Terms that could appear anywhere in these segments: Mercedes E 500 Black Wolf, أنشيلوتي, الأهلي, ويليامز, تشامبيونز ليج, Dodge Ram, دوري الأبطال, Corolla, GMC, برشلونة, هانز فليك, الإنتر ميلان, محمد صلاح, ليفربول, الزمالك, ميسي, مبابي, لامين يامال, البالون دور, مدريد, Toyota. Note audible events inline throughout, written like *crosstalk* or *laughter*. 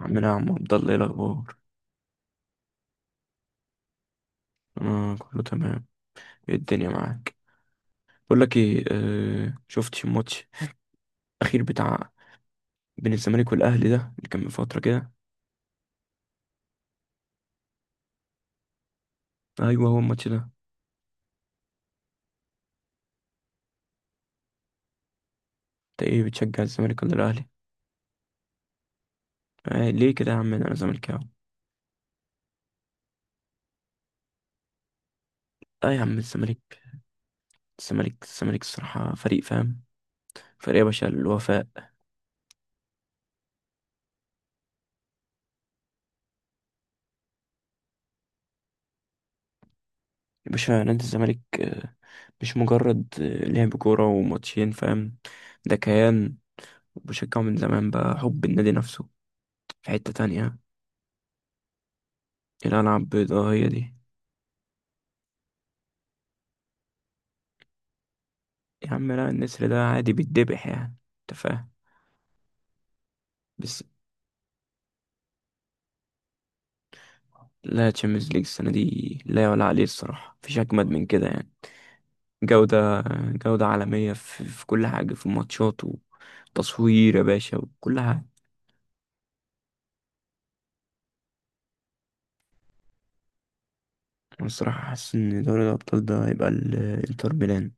عامل ايه يا عم؟ نعم، عبد الله، ايه الاخبار؟ انا كله تمام. ايه الدنيا معاك؟ بقول لك ايه، آه شفتش الماتش الاخير بتاع بين الزمالك والاهلي ده اللي كان من فتره كده؟ ايوه هو الماتش ده. انت ايه بتشجع الزمالك ولا الاهلي؟ آه ليه كده يا عم، انا زملكاوي. اه يا عم الزمالك. الزمالك الصراحه فريق فاهم، فريق يا باشا الوفاء. يا باشا نادي الزمالك آه، مش مجرد لعب كوره وماتشين فاهم، ده كيان. بشجعه من زمان بقى، حب النادي نفسه في حته تانية. الألعاب بيضاء هي دي. يا عم لا، النسر ده عادي بيتذبح، يعني انت فاهم. بس لا، تشامبيونز ليج السنة دي لا يعلى عليه الصراحة، مفيش أجمد من كده يعني. جودة، جودة عالمية في كل حاجة، في الماتشات وتصوير يا باشا وكل حاجة. أنا الصراحة حاسس إن دوري الأبطال ده هيبقى الإنتر ميلان.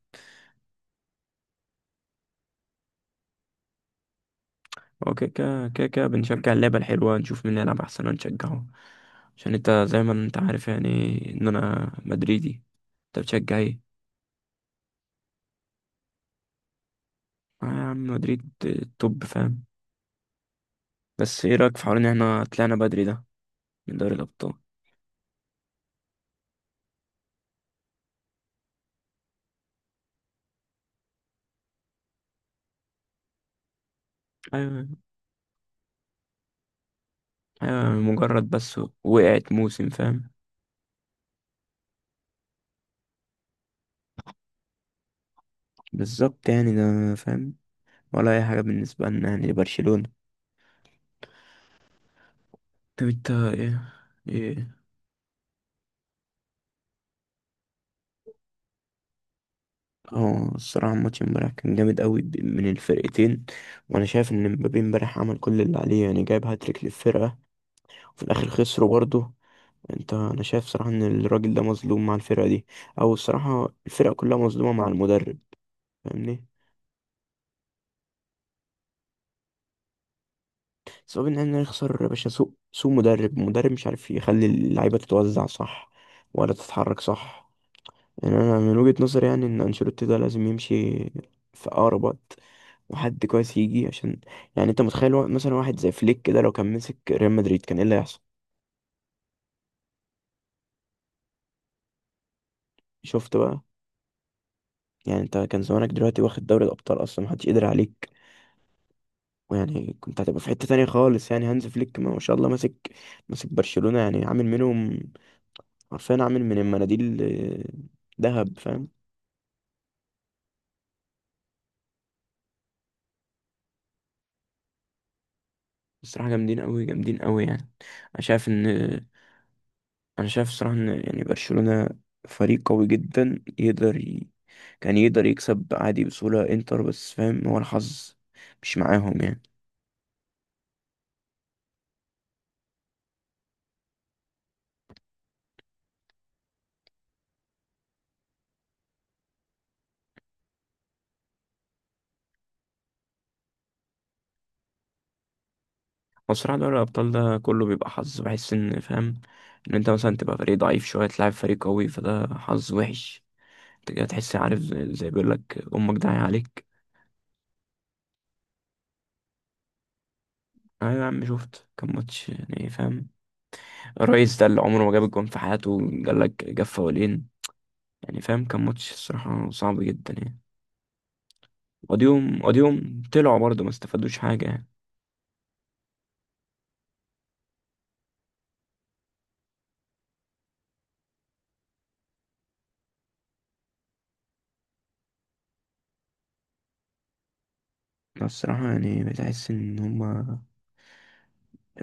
هو كده كده بنشجع اللعبة الحلوة، نشوف مين اللي يلعب أحسن ونشجعه. عشان أنت زي ما أنت عارف يعني إن أنا مدريدي. أنت بتشجع إيه؟ آه يا عم مدريد، توب فاهم. بس ايه رأيك في حوار ان احنا طلعنا بدري ده من دوري الأبطال؟ ايوه. ايوه مجرد بس وقعت موسم فاهم. بالظبط يعني ده فاهم، ولا اي حاجة بالنسبة لنا يعني لبرشلونة. طب انت ايه؟ ايه؟ اه الصراحة الماتش امبارح كان جامد قوي من الفرقتين. وانا شايف ان مبابي امبارح عمل كل اللي عليه، يعني جايب هاتريك للفرقة وفي الاخر خسروا برضه. انت انا شايف صراحة ان الراجل ده مظلوم مع الفرقة دي، او الصراحة الفرقة كلها مظلومة مع المدرب. فاهمني. صعب ان احنا نخسر يا باشا، سوق مدرب مش عارف يخلي اللعيبه تتوزع صح ولا تتحرك صح. يعني انا من وجهه نظري يعني ان انشيلوتي ده لازم يمشي في اقرب وقت، وحد كويس يجي عشان، يعني انت متخيل مثلا واحد زي فليك كده لو كان مسك ريال مدريد كان ايه اللي هيحصل؟ شفت بقى. يعني انت كان زمانك دلوقتي واخد دوري الابطال، اصلا محدش قدر عليك. ويعني كنت هتبقى في حته تانية خالص، يعني هانز فليك ما شاء الله ماسك، ماسك برشلونه. يعني عامل منهم، عارفين، عامل من المناديل آه، دهب فاهم. الصراحة جامدين قوي، جامدين قوي يعني. انا شايف ان انا شايف الصراحة ان يعني برشلونة فريق قوي جدا، يقدر ي... كان يقدر يكسب عادي بسهولة انتر، بس فاهم هو الحظ مش معاهم يعني. هو الصراحة دوري الابطال ده كله بيبقى حظ، بحس ان فاهم ان انت مثلا تبقى فريق ضعيف شوية تلعب فريق قوي فده حظ وحش. انت كده تحس عارف زي بيقول لك امك داعية عليك. ايوه يا عم شفت، كان ماتش يعني فاهم. الريس ده اللي عمره ما جاب الجون في حياته جاب لك، جاب فاولين. يعني فاهم كان ماتش الصراحة صعب جدا يعني. واديهم طلعوا برضه، ما استفادوش حاجة يعني. أنا الصراحة يعني بتحس إن هما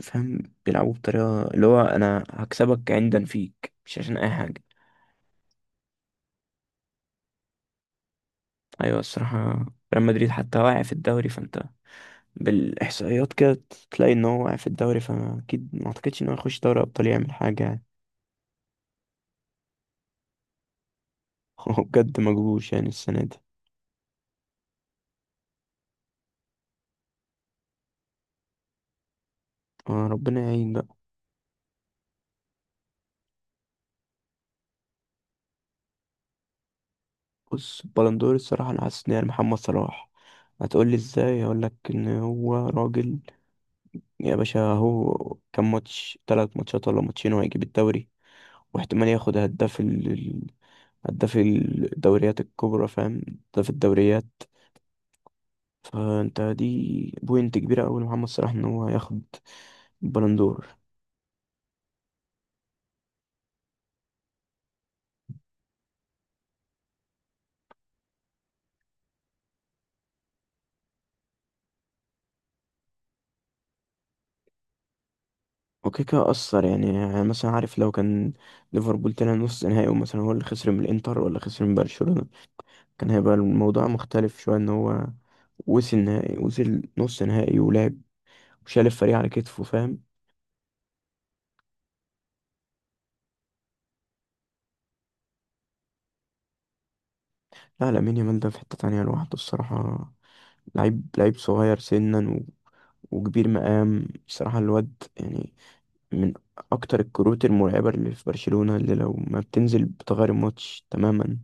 فاهم بيلعبوا بطريقة اللي هو أنا هكسبك عندا فيك، مش عشان أي حاجة. أيوة الصراحة. ريال مدريد حتى واقع في الدوري، فأنت بالإحصائيات كده تلاقي إن هو واقع في الدوري، فأكيد ما أعتقدش إن هو يخش دوري أبطال يعمل حاجة يعني. *laughs* هو بجد مجهوش يعني السنة دي. آه، ربنا يعين بقى. بص البلندور الصراحة أنا حاسس إن هي محمد صلاح. هتقولي إزاي؟ هقولك إن هو راجل يا باشا، هو كام ماتش؟ تلات ماتشات ولا ماتشين وهيجيب الدوري. واحتمال ياخد هداف هداف الدوريات الكبرى فاهم، هداف الدوريات. فأنت دي بوينت كبيرة أوي لمحمد صلاح إن هو ياخد البلندور. وكده كده أثر يعني، يعني مثلا عارف لو كان ليفربول طلع نص نهائي ومثلا هو اللي خسر من الإنتر ولا خسر من برشلونة، كان هيبقى الموضوع مختلف شوية، ان هو وصل نهائي، وصل نص نهائي ولعب وشال الفريق على كتفه فاهم. لا لامين يامال ده في حتة تانية لوحده الصراحة. لعيب، لعيب صغير سنا و... وكبير مقام الصراحة الواد يعني. من أكتر الكروت المرعبة اللي في برشلونة، اللي لو ما بتنزل بتغير الماتش تماما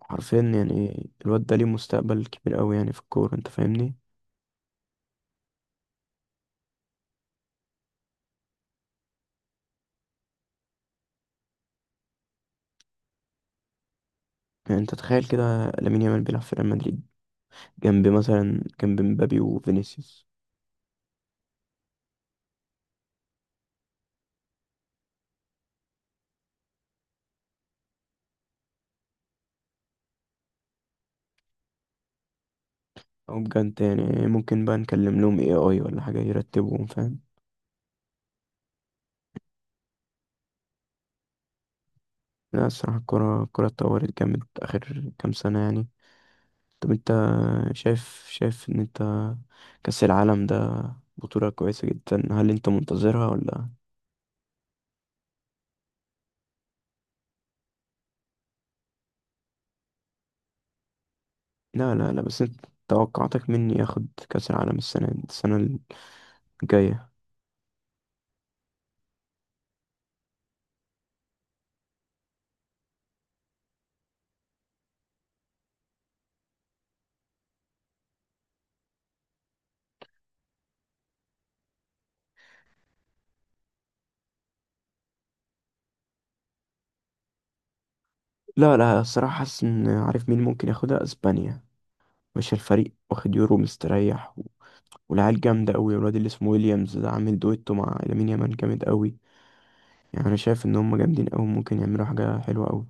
حرفيا يعني. الواد ده ليه مستقبل كبير قوي يعني في الكورة، انت فاهمني. يعني انت تخيل كده لامين يامال بيلعب في ريال مدريد جنب مثلا، جنب مبابي وفينيسيوس. او بجد يعني ممكن بقى نكلم لهم اي ولا حاجة يرتبهم فاهم. لا الصراحة الكرة اتطورت جامد آخر كام سنة يعني. طب انت شايف، شايف ان انت كأس العالم ده بطولة كويسة جدا، هل انت منتظرها ولا؟ لا، بس انت توقعاتك مني ياخد كأس العالم السنة الجاية؟ لا لا الصراحة حاسس ان عارف مين ممكن ياخدها، اسبانيا. مش الفريق واخد يورو مستريح و... والعيال جامدة أوي، الواد اللي اسمه ويليامز ده عامل دويتو مع لامين يامال جامد أوي. يعني انا شايف ان هم جامدين قوي، ممكن يعملوا حاجه حلوه قوي.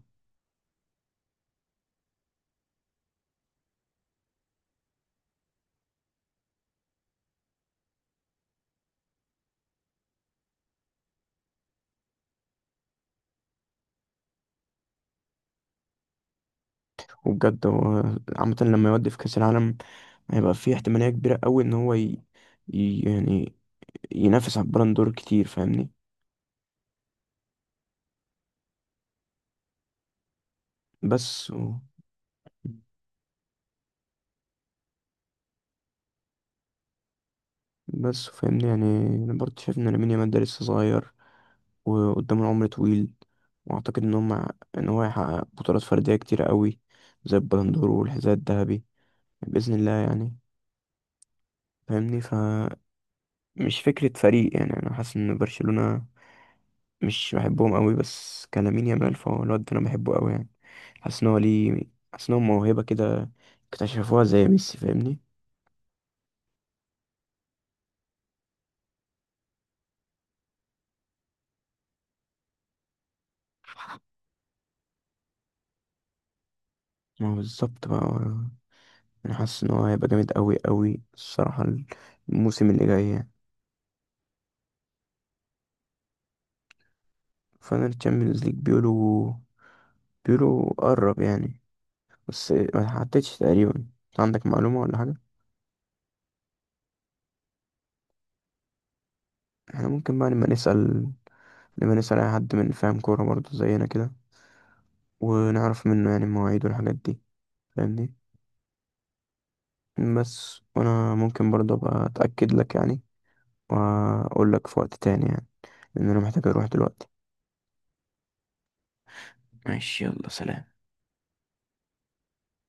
وبجد هو عامه لما يودي في كاس العالم هيبقى في احتماليه كبيره قوي ان هو يعني ينافس على البالون دور كتير فاهمني. بس و... بس فاهمني يعني. انا برضه شايف ان لامين يامال ده لسه صغير وقدام العمر طويل. واعتقد ان هم، ان هو هيحقق بطولات فرديه كتير قوي زي البالون دور والحذاء الذهبي باذن الله يعني. فاهمني، فمش فكره فريق يعني، انا حاسس ان برشلونه مش بحبهم قوي بس كلامين يامال، فهو الواد ده انا بحبه قوي يعني. حاسس ان هو ليه، حاسس ان هو موهبه كده اكتشفوها زي ميسي فاهمني. ما هو بالظبط بقى هو- انا حاسس ان هو هيبقى جامد قوي الصراحه، الموسم اللي جاي يعني. فانا الشامبيونز ليج بيقولوا، بيقولوا قرب يعني، بس ما حطيتش تقريبا. عندك معلومه ولا حاجه؟ احنا ممكن بقى لما نسال اي حد من فاهم كوره برضه زينا كده ونعرف منه يعني المواعيد والحاجات دي، فاهمني. بس وانا ممكن برضه ابقى اتاكد لك يعني، واقول لك في وقت تاني يعني، لان انا محتاج اروح دلوقتي. ماشي، يلا سلام.